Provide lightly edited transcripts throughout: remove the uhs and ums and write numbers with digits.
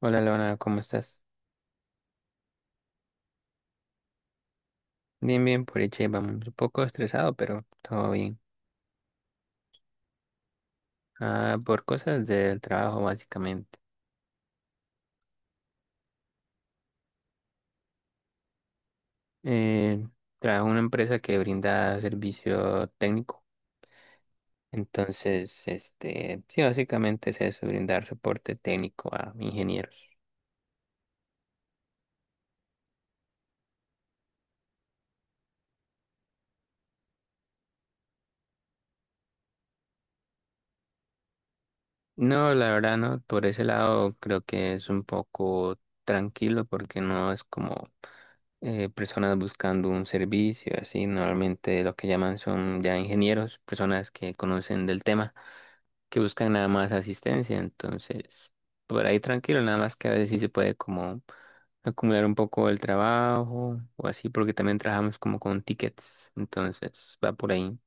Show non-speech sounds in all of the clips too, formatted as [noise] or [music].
Hola Lorena, ¿cómo estás? Bien, bien, por hecho, vamos un poco estresado, pero todo bien. Ah, por cosas del trabajo, básicamente. Eh, Trabajo en una empresa que brinda servicio técnico. Entonces, sí, básicamente es eso, brindar soporte técnico a ingenieros. No, la verdad no, por ese lado creo que es un poco tranquilo porque no es como personas buscando un servicio, así normalmente lo que llaman son ya ingenieros, personas que conocen del tema, que buscan nada más asistencia, entonces por ahí tranquilo, nada más que a veces sí se puede como acumular un poco el trabajo o así, porque también trabajamos como con tickets, entonces va por ahí.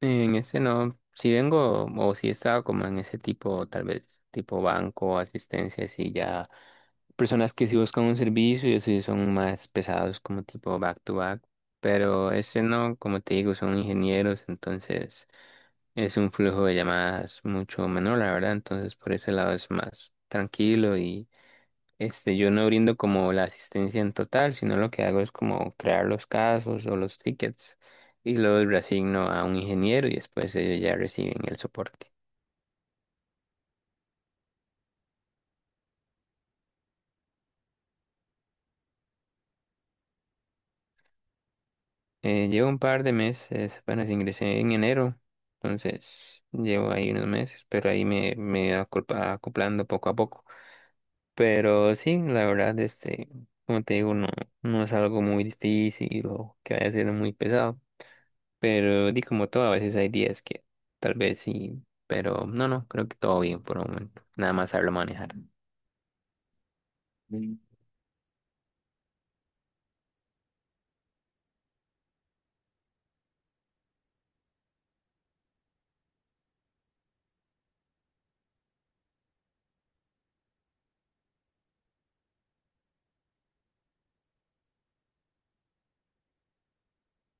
En ese no, si vengo o si estaba como en ese tipo, tal vez tipo banco, asistencia, así ya personas que sí buscan un servicio y así son más pesados como tipo back to back, pero ese no, como te digo, son ingenieros, entonces es un flujo de llamadas mucho menor, la verdad, entonces por ese lado es más tranquilo este, yo no brindo como la asistencia en total, sino lo que hago es como crear los casos o los tickets y luego los reasigno a un ingeniero y después ellos ya reciben el soporte. Llevo un par de meses, apenas ingresé en enero, entonces llevo ahí unos meses, pero ahí me he acoplando poco a poco. Pero sí, la verdad, como te digo, no es algo muy difícil o que vaya a ser muy pesado. Pero di como todo, a veces hay días que tal vez sí, pero no, no, creo que todo bien por el momento. Nada más saberlo manejar. Mm.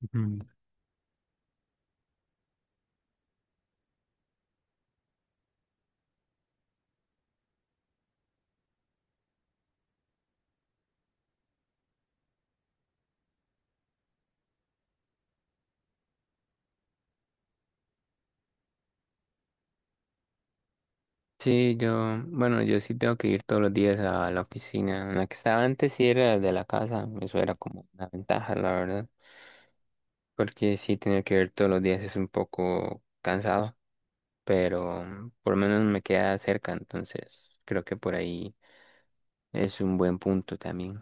Ujú. Sí, yo, bueno, yo sí tengo que ir todos los días a la oficina. En la que estaba antes sí era de la casa, eso era como una ventaja, la verdad, porque sí tener que ir todos los días es un poco cansado, pero por lo menos me queda cerca, entonces creo que por ahí es un buen punto también.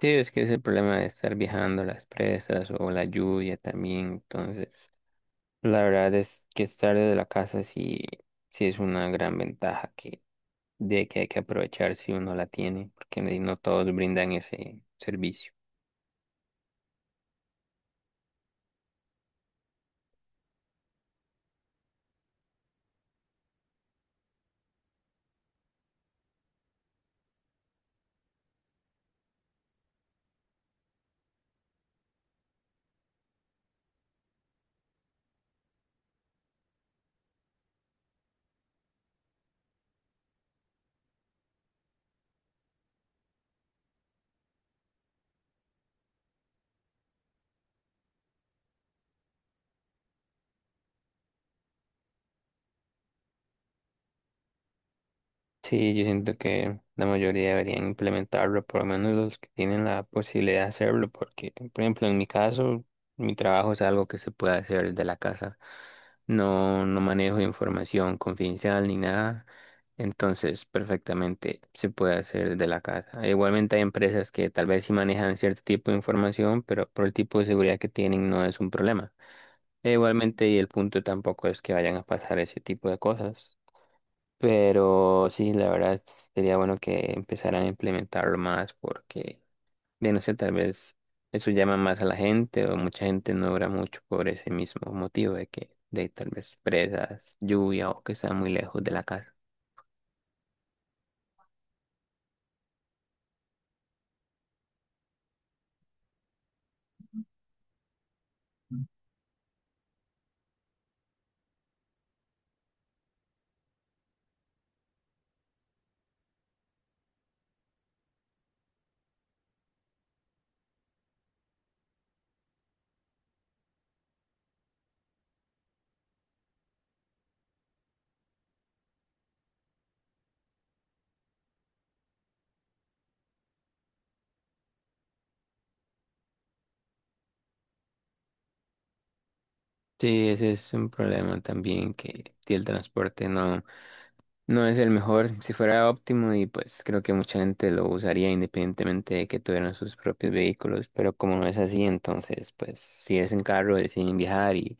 Sí, es que es el problema de estar viajando las presas o la lluvia también. Entonces, la verdad es que estar desde la casa sí, sí es una gran ventaja de que hay que aprovechar si uno la tiene, porque no todos brindan ese servicio. Sí, yo siento que la mayoría deberían implementarlo, por lo menos los que tienen la posibilidad de hacerlo, porque, por ejemplo, en mi caso, mi trabajo es algo que se puede hacer desde la casa. No, no manejo información confidencial ni nada, entonces perfectamente se puede hacer desde la casa. Igualmente hay empresas que tal vez sí manejan cierto tipo de información, pero por el tipo de seguridad que tienen no es un problema. E igualmente, y el punto tampoco es que vayan a pasar ese tipo de cosas. Pero sí, la verdad sería bueno que empezaran a implementarlo más porque, de no sé, tal vez eso llama más a la gente o mucha gente no obra mucho por ese mismo motivo de que de tal vez presas, lluvia o que está muy lejos de la casa. Sí, ese es un problema también que el transporte no, no es el mejor, si fuera óptimo y pues creo que mucha gente lo usaría independientemente de que tuvieran sus propios vehículos, pero como no es así, entonces pues si es en carro deciden viajar y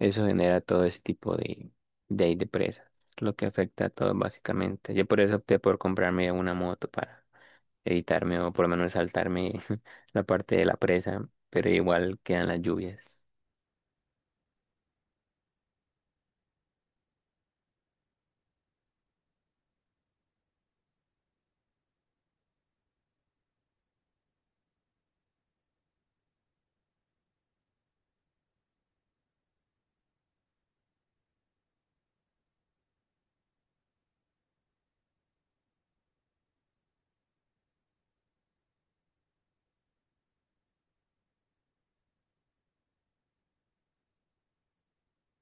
eso genera todo ese tipo de, ahí de presas, lo que afecta a todo básicamente. Yo por eso opté por comprarme una moto para evitarme o por lo menos saltarme [laughs] la parte de la presa, pero igual quedan las lluvias.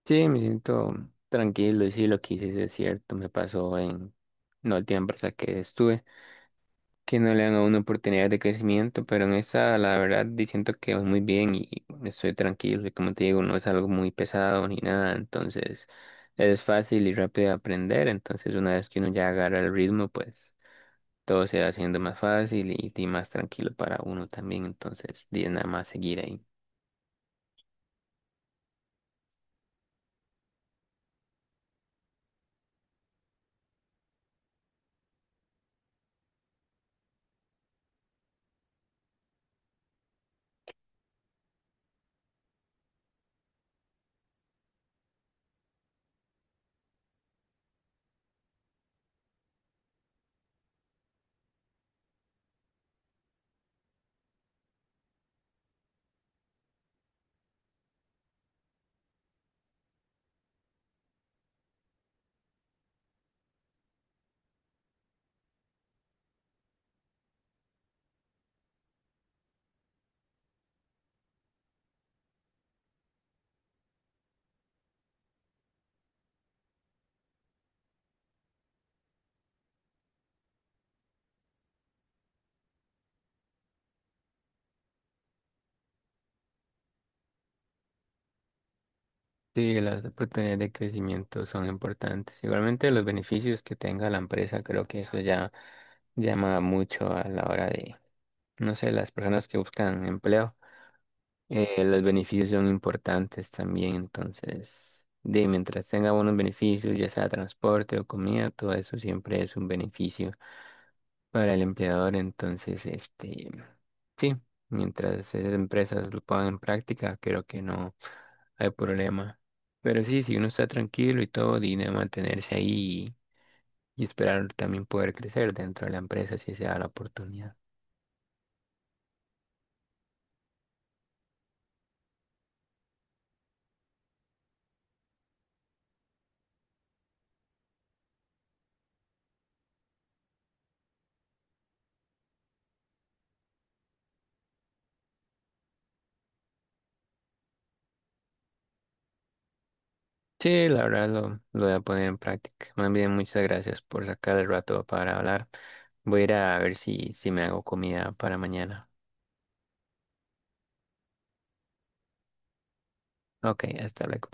Sí, me siento tranquilo y sí, lo que hice sí es cierto, me pasó en la última empresa que estuve, que no le dan a uno oportunidades de crecimiento, pero en esa, la verdad, siento que voy muy bien y estoy tranquilo, y como te digo, no es algo muy pesado ni nada, entonces es fácil y rápido de aprender, entonces una vez que uno ya agarra el ritmo, pues todo se va haciendo más fácil y más tranquilo para uno también, entonces di, es nada más seguir ahí. Sí, las oportunidades de crecimiento son importantes. Igualmente los beneficios que tenga la empresa, creo que eso ya llama mucho a la hora de, no sé, las personas que buscan empleo. Los beneficios son importantes también, entonces, de mientras tenga buenos beneficios, ya sea transporte o comida, todo eso siempre es un beneficio para el empleador. Entonces, sí, mientras esas empresas lo pongan en práctica, creo que no hay problema. Pero sí, si uno está tranquilo y todo, tiene mantenerse ahí y esperar también poder crecer dentro de la empresa si se da la oportunidad. Sí, la verdad lo voy a poner en práctica. Más bien, muchas gracias por sacar el rato para hablar. Voy a ir a ver si, si me hago comida para mañana. Ok, hasta luego.